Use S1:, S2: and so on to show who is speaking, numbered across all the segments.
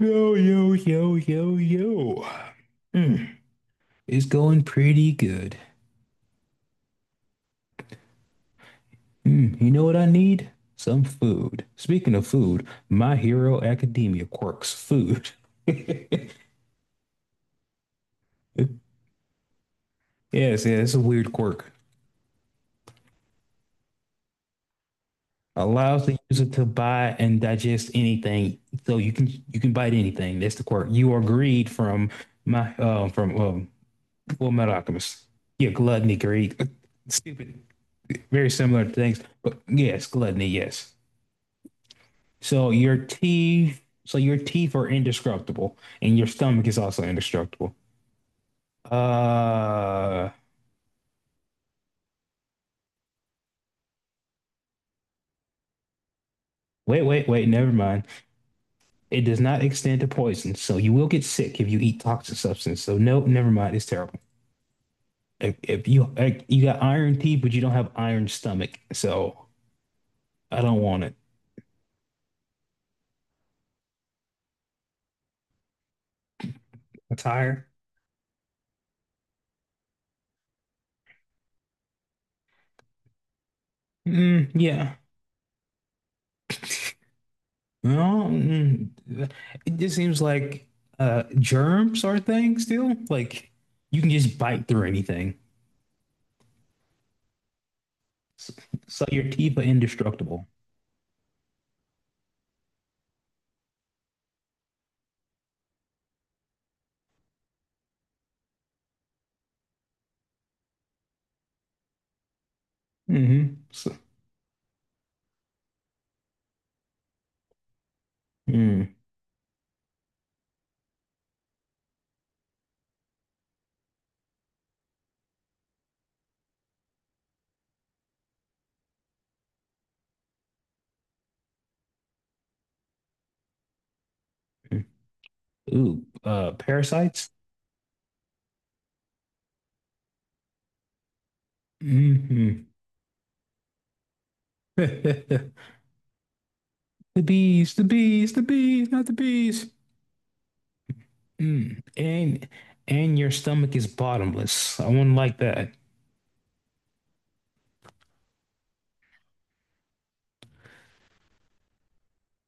S1: Yo, yo, yo, yo, yo. Mm, it's going pretty good. Mm, you know what I need? Some food. Speaking of food, My Hero Academia quirks food. Yes, yeah, it's a weird quirk. Allows the user to buy and digest anything, so you can bite anything. That's the quirk. You are greed from my from Full Metal Alchemist. Yeah, gluttony, greed, stupid. Very similar things, but yes, gluttony, yes. So your teeth are indestructible, and your stomach is also indestructible. Uh, Wait, wait, wait. Never mind. It does not extend to poison, so you will get sick if you eat toxic substance. So no, never mind. It's terrible. If you like, you got iron teeth, but you don't have iron stomach, so I don't want it. A tire? Mm, yeah. No, it just seems like germs are a thing still. Like you can just bite through anything. So, so, your teeth are indestructible. Mm-hmm. Mm. Ooh, parasites. Mm-hmm. The bees, the bees, the bees, not the bees. Mm. And your stomach is bottomless. I wouldn't like that.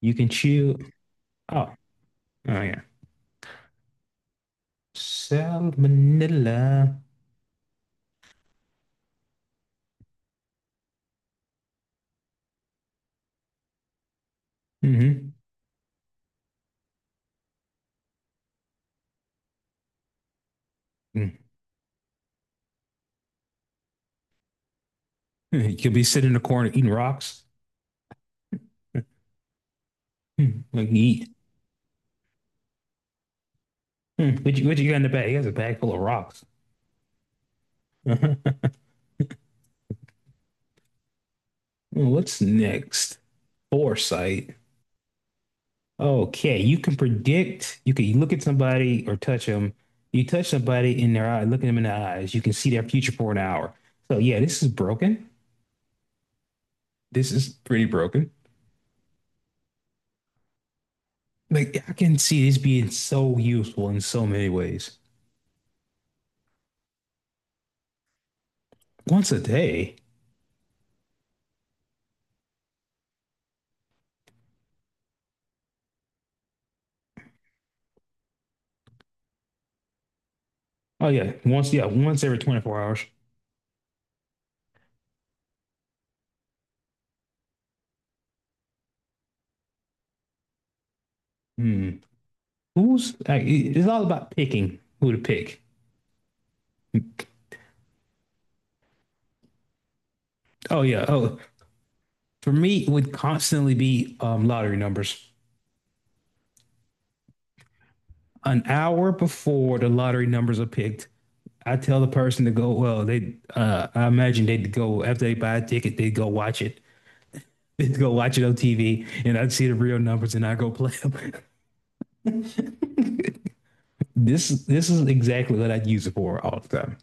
S1: You can chew. Oh, oh, yeah. Salmonella. Mm-hmm. Mm. You could be sitting in the corner eating rocks. Mm. Like you eat. Mm. What you got in the bag? He has a bag full of rocks. What's next? Foresight. Okay, you can predict. You can look at somebody or touch them. You touch somebody in their eye, look at them in the eyes. You can see their future for an hour. So yeah, this is broken. This is pretty broken. Like I can see this being so useful in so many ways. Once a day. Oh yeah, once every 24 hours. Hmm. Who's like? It's all about picking who to pick. Oh yeah. Oh, for me, it would constantly be lottery numbers. An hour before the lottery numbers are picked, I tell the person to go. Well, they I imagine they'd go after they buy a ticket. They'd go watch it. They'd go watch it on TV, and I'd see the real numbers, and I go play them. This is exactly what I'd use it for all the time.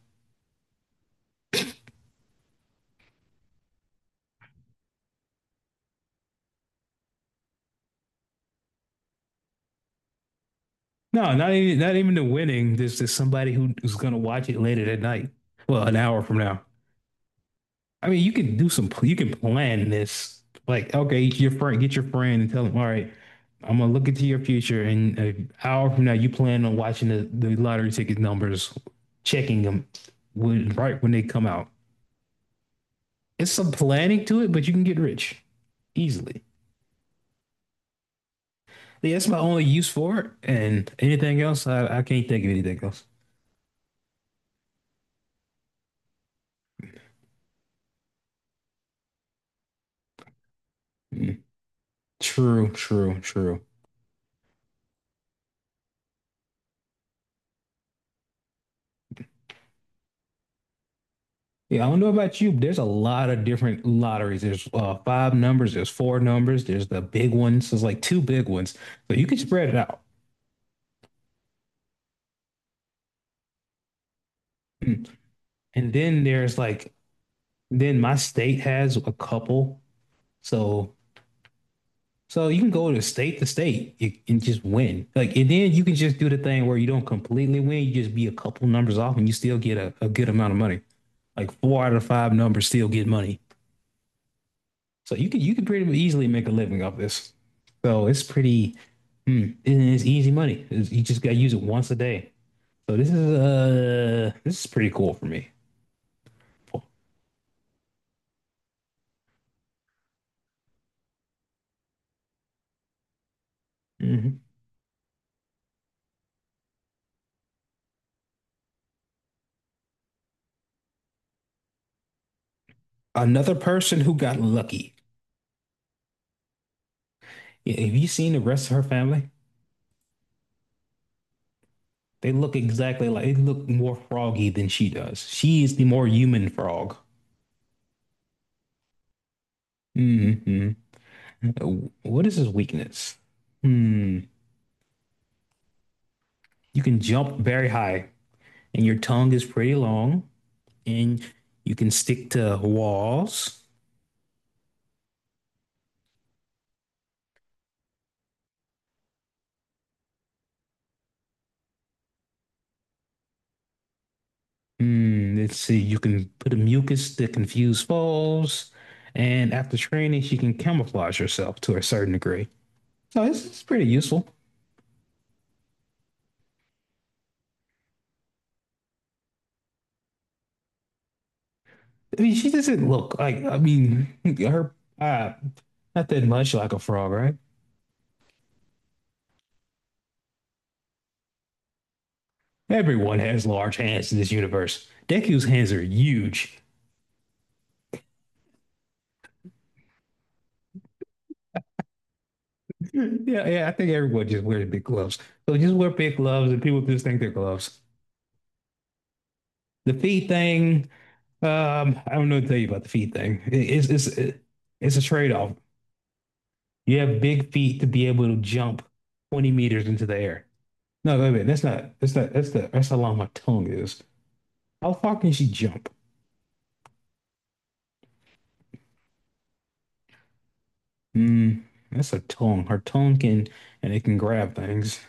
S1: No, not even the winning. There's just somebody who's gonna watch it later that night. Well, an hour from now. I mean, you could do some, you can plan this. Like, okay, your friend, get your friend and tell him, all right, I'm gonna look into your future. And an hour from now, you plan on watching the lottery ticket numbers, checking them right when they come out. It's some planning to it, but you can get rich easily. Yeah, that's my only use for it. And anything else, I can't think of anything else. Mm. True, true, true. Yeah, I don't know about you, but there's a lot of different lotteries. There's five numbers, there's four numbers, there's the big ones. There's like two big ones. So you can spread it out. Mm. And then there's like, then my state has a couple. So so you can go to state and just win. Like, and then you can just do the thing where you don't completely win, you just be a couple numbers off and you still get a good amount of money. Like four out of five numbers still get money. So you can pretty easily make a living off this. So it's pretty, and it's easy money. You just gotta use it once a day. So this is pretty cool for me. Mhm. Another person who got lucky. Yeah, have you seen the rest of her family? They look exactly like they look more froggy than she does. She is the more human frog. Hmm. What is his weakness? Hmm. You can jump very high, and your tongue is pretty long, and you can stick to walls. Hmm, let's see. You can put a mucus to confuse foes, and after training, she can camouflage herself to a certain degree. So it's pretty useful. I mean, she doesn't look like. I mean, her uh, not that much like a frog, right? Everyone has large hands in this universe. Deku's hands are huge. Yeah, yeah. I think everyone just wears big gloves. So just wear big gloves, and people just think they're gloves. The feet thing, I don't know what to tell you about the feet thing. It's a trade off. You have big feet to be able to jump 20 meters into the air. No, wait a minute. That's not. That's not. That's the. That's how long my tongue is. How far can she jump? Hmm. That's her tongue. Her tongue can and it can grab things.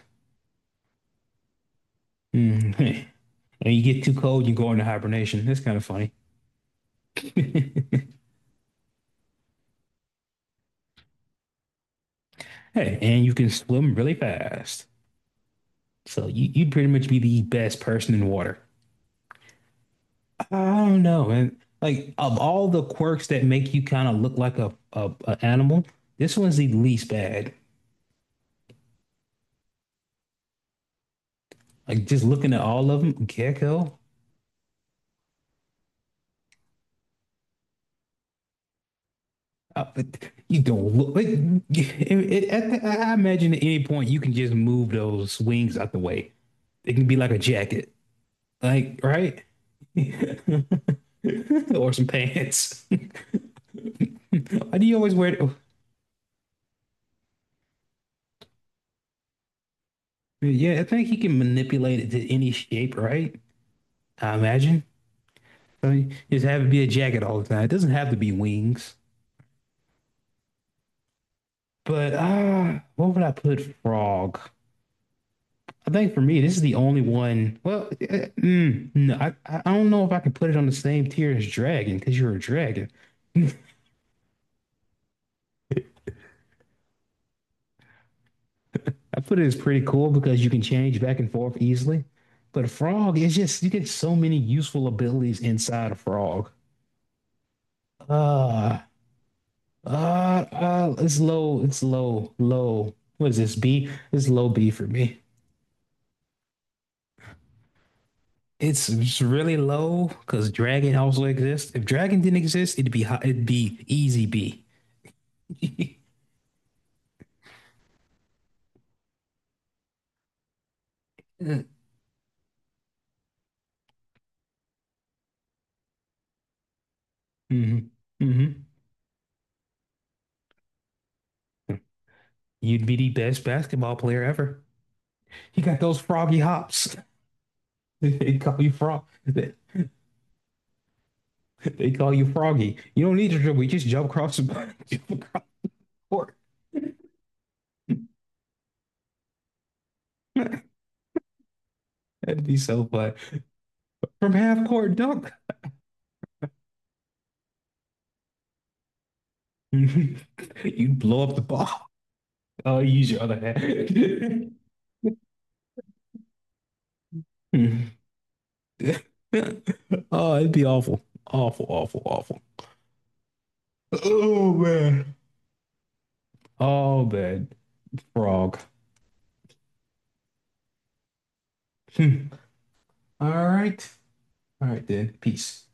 S1: Hmm. And you get too cold, you go into hibernation. That's kind of funny. Hey, and you can swim really fast. So you'd pretty much be the best person in water. I don't know. And like of all the quirks that make you kind of look like a animal, this one's the least bad. Like just looking at all of them, gecko. But you don't look like I imagine at any point you can just move those wings out the way. It can be like a jacket, like right, or some pants. Why do you always wear? It? Yeah, I think he can manipulate it to any shape, right? I imagine. So you just have it be a jacket all the time. It doesn't have to be wings. But what would I put frog? I think for me, this is the only one. Well, no, I don't know if I can put it on the same tier as dragon because you're a dragon. I put it as pretty cool because you can change back and forth easily. But a frog is just you get so many useful abilities inside a frog. Uh, it's low, it's low, low. What is this B? It's low B for me. It's really low because Dragon also exists. If Dragon didn't exist, it'd be easy B. Hmm. Hmm. You'd be the best basketball player ever. You got those froggy hops. They call you frog. They call you froggy. You don't need to dribble. You just jump across the jump across court. That'd be so fun. From half court dunk, you'd blow up the ball. Oh, use your other hand. Oh, it'd be awful. Awful, awful, awful. Oh man. Oh man. Frog. Hmm. All right. All right then. Peace.